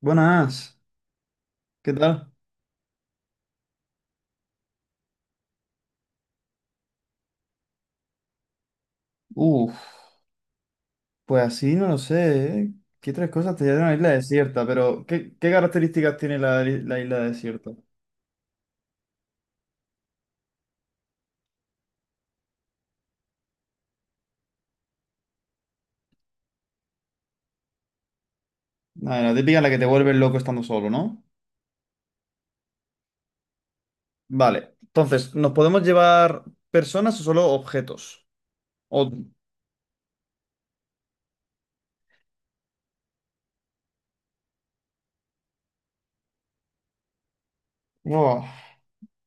Buenas, ¿qué tal? Uf, pues así no lo sé, ¿eh? ¿Qué tres cosas te llevan a una isla desierta? Pero, ¿qué características tiene la isla desierta? A ver, la típica en la que te vuelves loco estando solo, ¿no? Vale, entonces, ¿nos podemos llevar personas o solo objetos? O- Oh,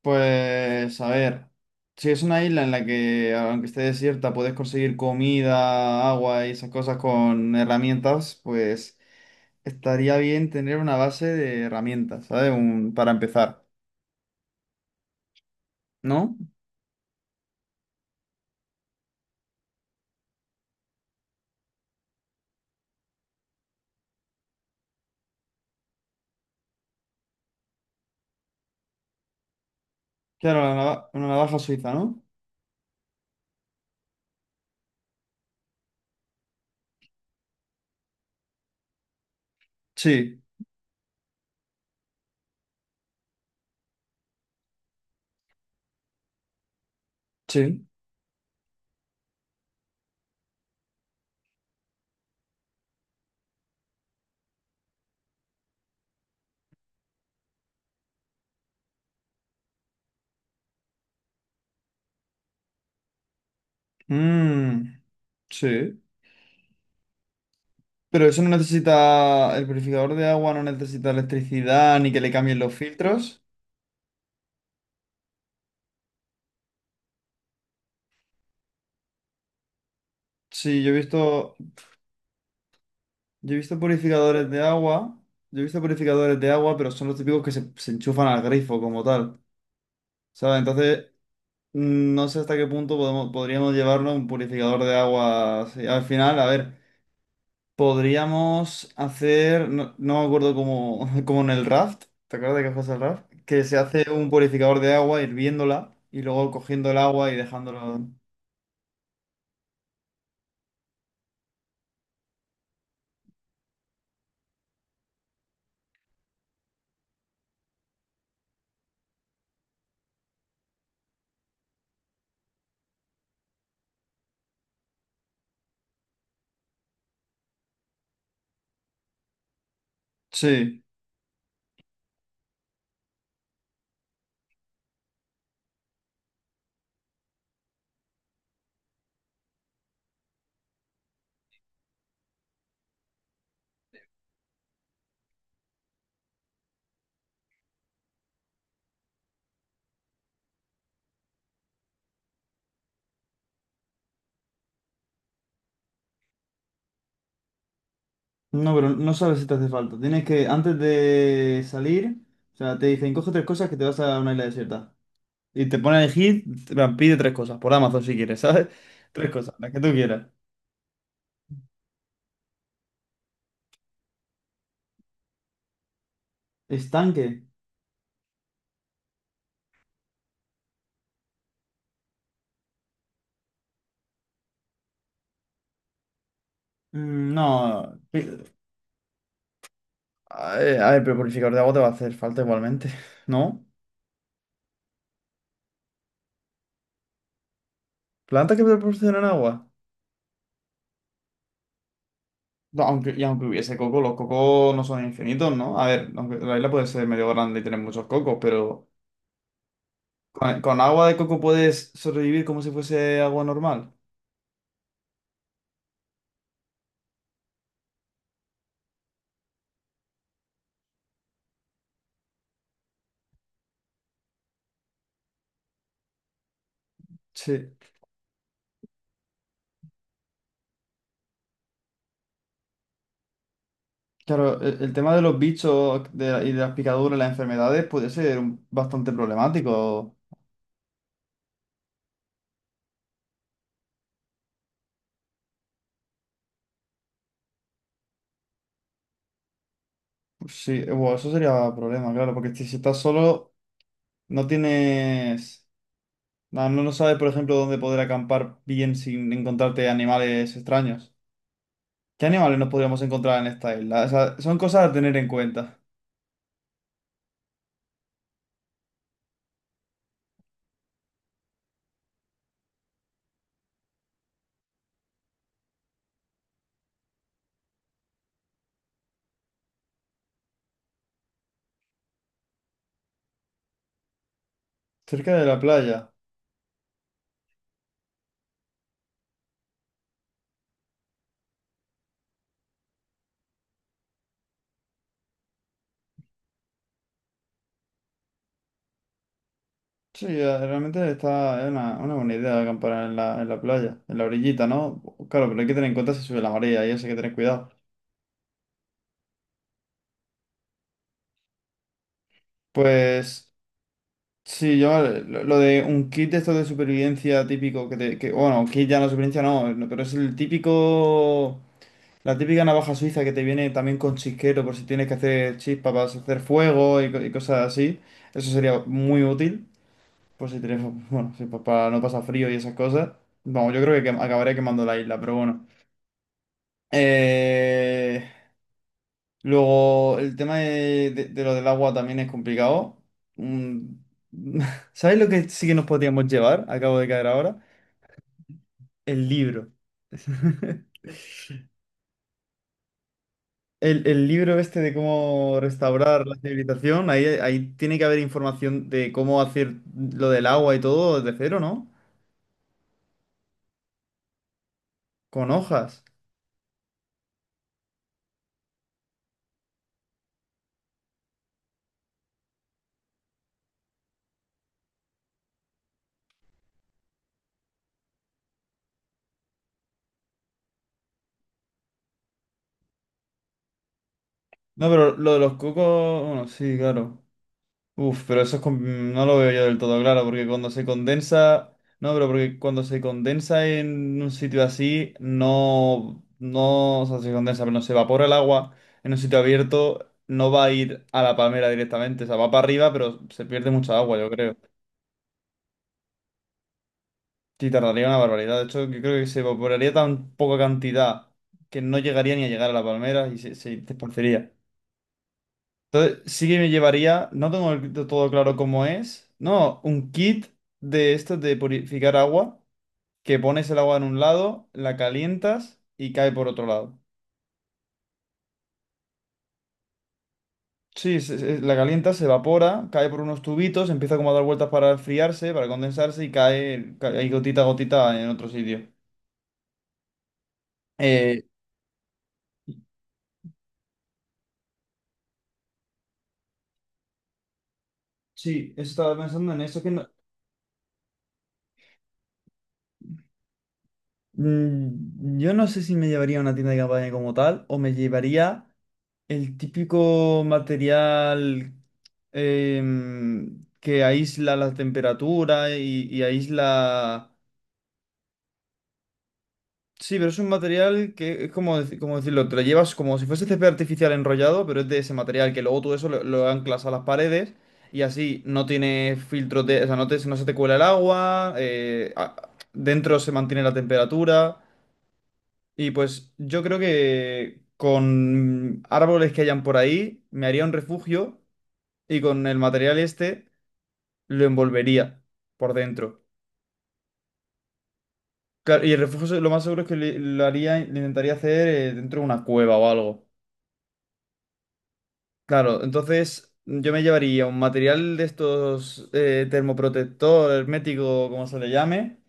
pues, a ver, si es una isla en la que, aunque esté desierta, puedes conseguir comida, agua y esas cosas con herramientas, pues estaría bien tener una base de herramientas, ¿sabes? Para empezar, ¿no? Claro, una navaja suiza, ¿no? Sí, sí. Mm, sí. Pero eso no necesita, el purificador de agua no necesita electricidad ni que le cambien los filtros. Sí, yo he visto purificadores de agua, yo he visto purificadores de agua, pero son los típicos que se enchufan al grifo como tal, ¿sabes? Entonces, no sé hasta qué punto podríamos llevarlo un purificador de agua así. Al final, a ver. Podríamos hacer, no, no me acuerdo cómo, como en el raft, ¿te acuerdas de que fue el raft? Que se hace un purificador de agua hirviéndola y luego cogiendo el agua y dejándola. Sí, no, pero no sabes si te hace falta. Tienes que, antes de salir, o sea, te dicen, coge tres cosas que te vas a una isla desierta. Y te pone a elegir, en plan, pide tres cosas, por Amazon si quieres, ¿sabes? Tres cosas, las que tú quieras. ¿Estanque? Mm, no. Ay, ay, pero purificador de agua te va a hacer falta igualmente, ¿no? Plantas que proporcionan agua. No, aunque, y aunque hubiese coco, los cocos no son infinitos, ¿no? A ver, aunque la isla puede ser medio grande y tener muchos cocos, pero con agua de coco puedes sobrevivir como si fuese agua normal. Sí. Claro, el tema de los bichos y de las picaduras, las enfermedades, puede ser bastante problemático. Pues sí, bueno, eso sería problema, claro, porque si estás solo, no tienes. No, no no sabes, por ejemplo, dónde poder acampar bien sin encontrarte animales extraños. ¿Qué animales nos podríamos encontrar en esta isla? O sea, son cosas a tener en cuenta. Cerca de la playa. Sí, realmente está es una buena idea acampar en la playa, en la orillita, ¿no? Claro, pero hay que tener en cuenta si sube la marea y eso hay que tener cuidado. Pues sí, yo lo de un kit de esto de supervivencia típico que, bueno, kit ya no supervivencia no, no, pero es el típico, la típica navaja suiza que te viene también con chisquero por si tienes que hacer chispa para hacer fuego y cosas así. Eso sería muy útil. Pues si tienes, bueno, si para no pasar frío y esas cosas, vamos, yo creo que acabaré quemando la isla, pero bueno. Eh, Luego, el tema de lo del agua también es complicado. Mm, ¿Sabes lo que sí que nos podríamos llevar? Acabo de caer ahora. El libro. El libro este de cómo restaurar la civilización, ahí tiene que haber información de cómo hacer lo del agua y todo desde cero, ¿no? Con hojas. No, pero lo de los cocos, bueno, sí, claro. Uf, pero eso es no lo veo yo del todo claro, porque cuando se condensa, no, pero porque cuando se condensa en un sitio así, no, no, o sea, se condensa, pero no se evapora el agua en un sitio abierto, no va a ir a la palmera directamente, o sea, va para arriba, pero se pierde mucha agua, yo creo. Sí, tardaría una barbaridad. De hecho, yo creo que se evaporaría tan poca cantidad que no llegaría ni a llegar a la palmera y se dispersaría. Entonces, sí que me llevaría, no tengo de todo claro cómo es, no, un kit de estos de purificar agua, que pones el agua en un lado, la calientas y cae por otro lado. Sí, la calientas, se evapora, cae por unos tubitos, empieza como a dar vueltas para enfriarse, para condensarse y cae, cae ahí gotita a gotita en otro sitio. Eh, sí, eso estaba pensando en eso, que no- yo no sé si me llevaría a una tienda de campaña como tal o me llevaría. El típico material que aísla la temperatura y aísla. Sí, pero es un material que es como decirlo, te lo llevas como si fuese césped artificial enrollado, pero es de ese material que luego tú eso lo anclas a las paredes y así no tiene filtros de. O sea, no, no se te cuela el agua, dentro se mantiene la temperatura y pues yo creo que con árboles que hayan por ahí me haría un refugio y con el material este lo envolvería por dentro. Claro, y el refugio lo más seguro es que lo haría, lo intentaría hacer dentro de una cueva o algo. Claro, entonces yo me llevaría un material de estos termoprotector, hermético, como se le llame,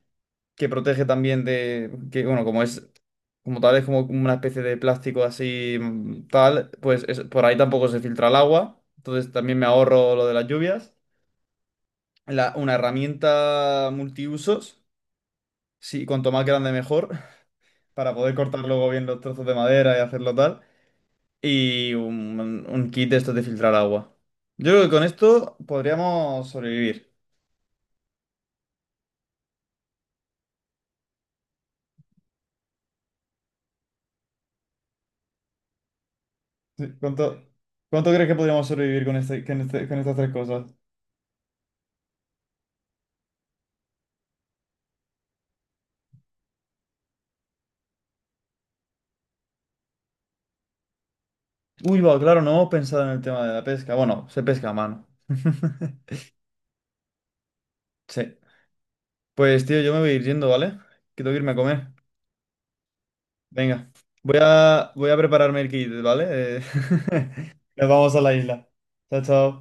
que protege también de, que bueno, como es, como tal, es como una especie de plástico así tal, pues por ahí tampoco se filtra el agua, entonces también me ahorro lo de las lluvias. Una herramienta multiusos. Sí, cuanto más grande mejor, para poder cortar luego bien los trozos de madera y hacerlo tal. Y un kit de estos de filtrar agua. Yo creo que con esto podríamos sobrevivir. Sí, ¿cuánto crees que podríamos sobrevivir con estas tres cosas? Uy, va, claro, no hemos pensado en el tema de la pesca. Bueno, se pesca a mano. Sí. Pues tío, yo me voy a ir yendo, ¿vale? Que tengo que irme a comer. Venga. Voy a prepararme el kit, ¿vale? Eh, Nos vamos a la isla. Chao, chao.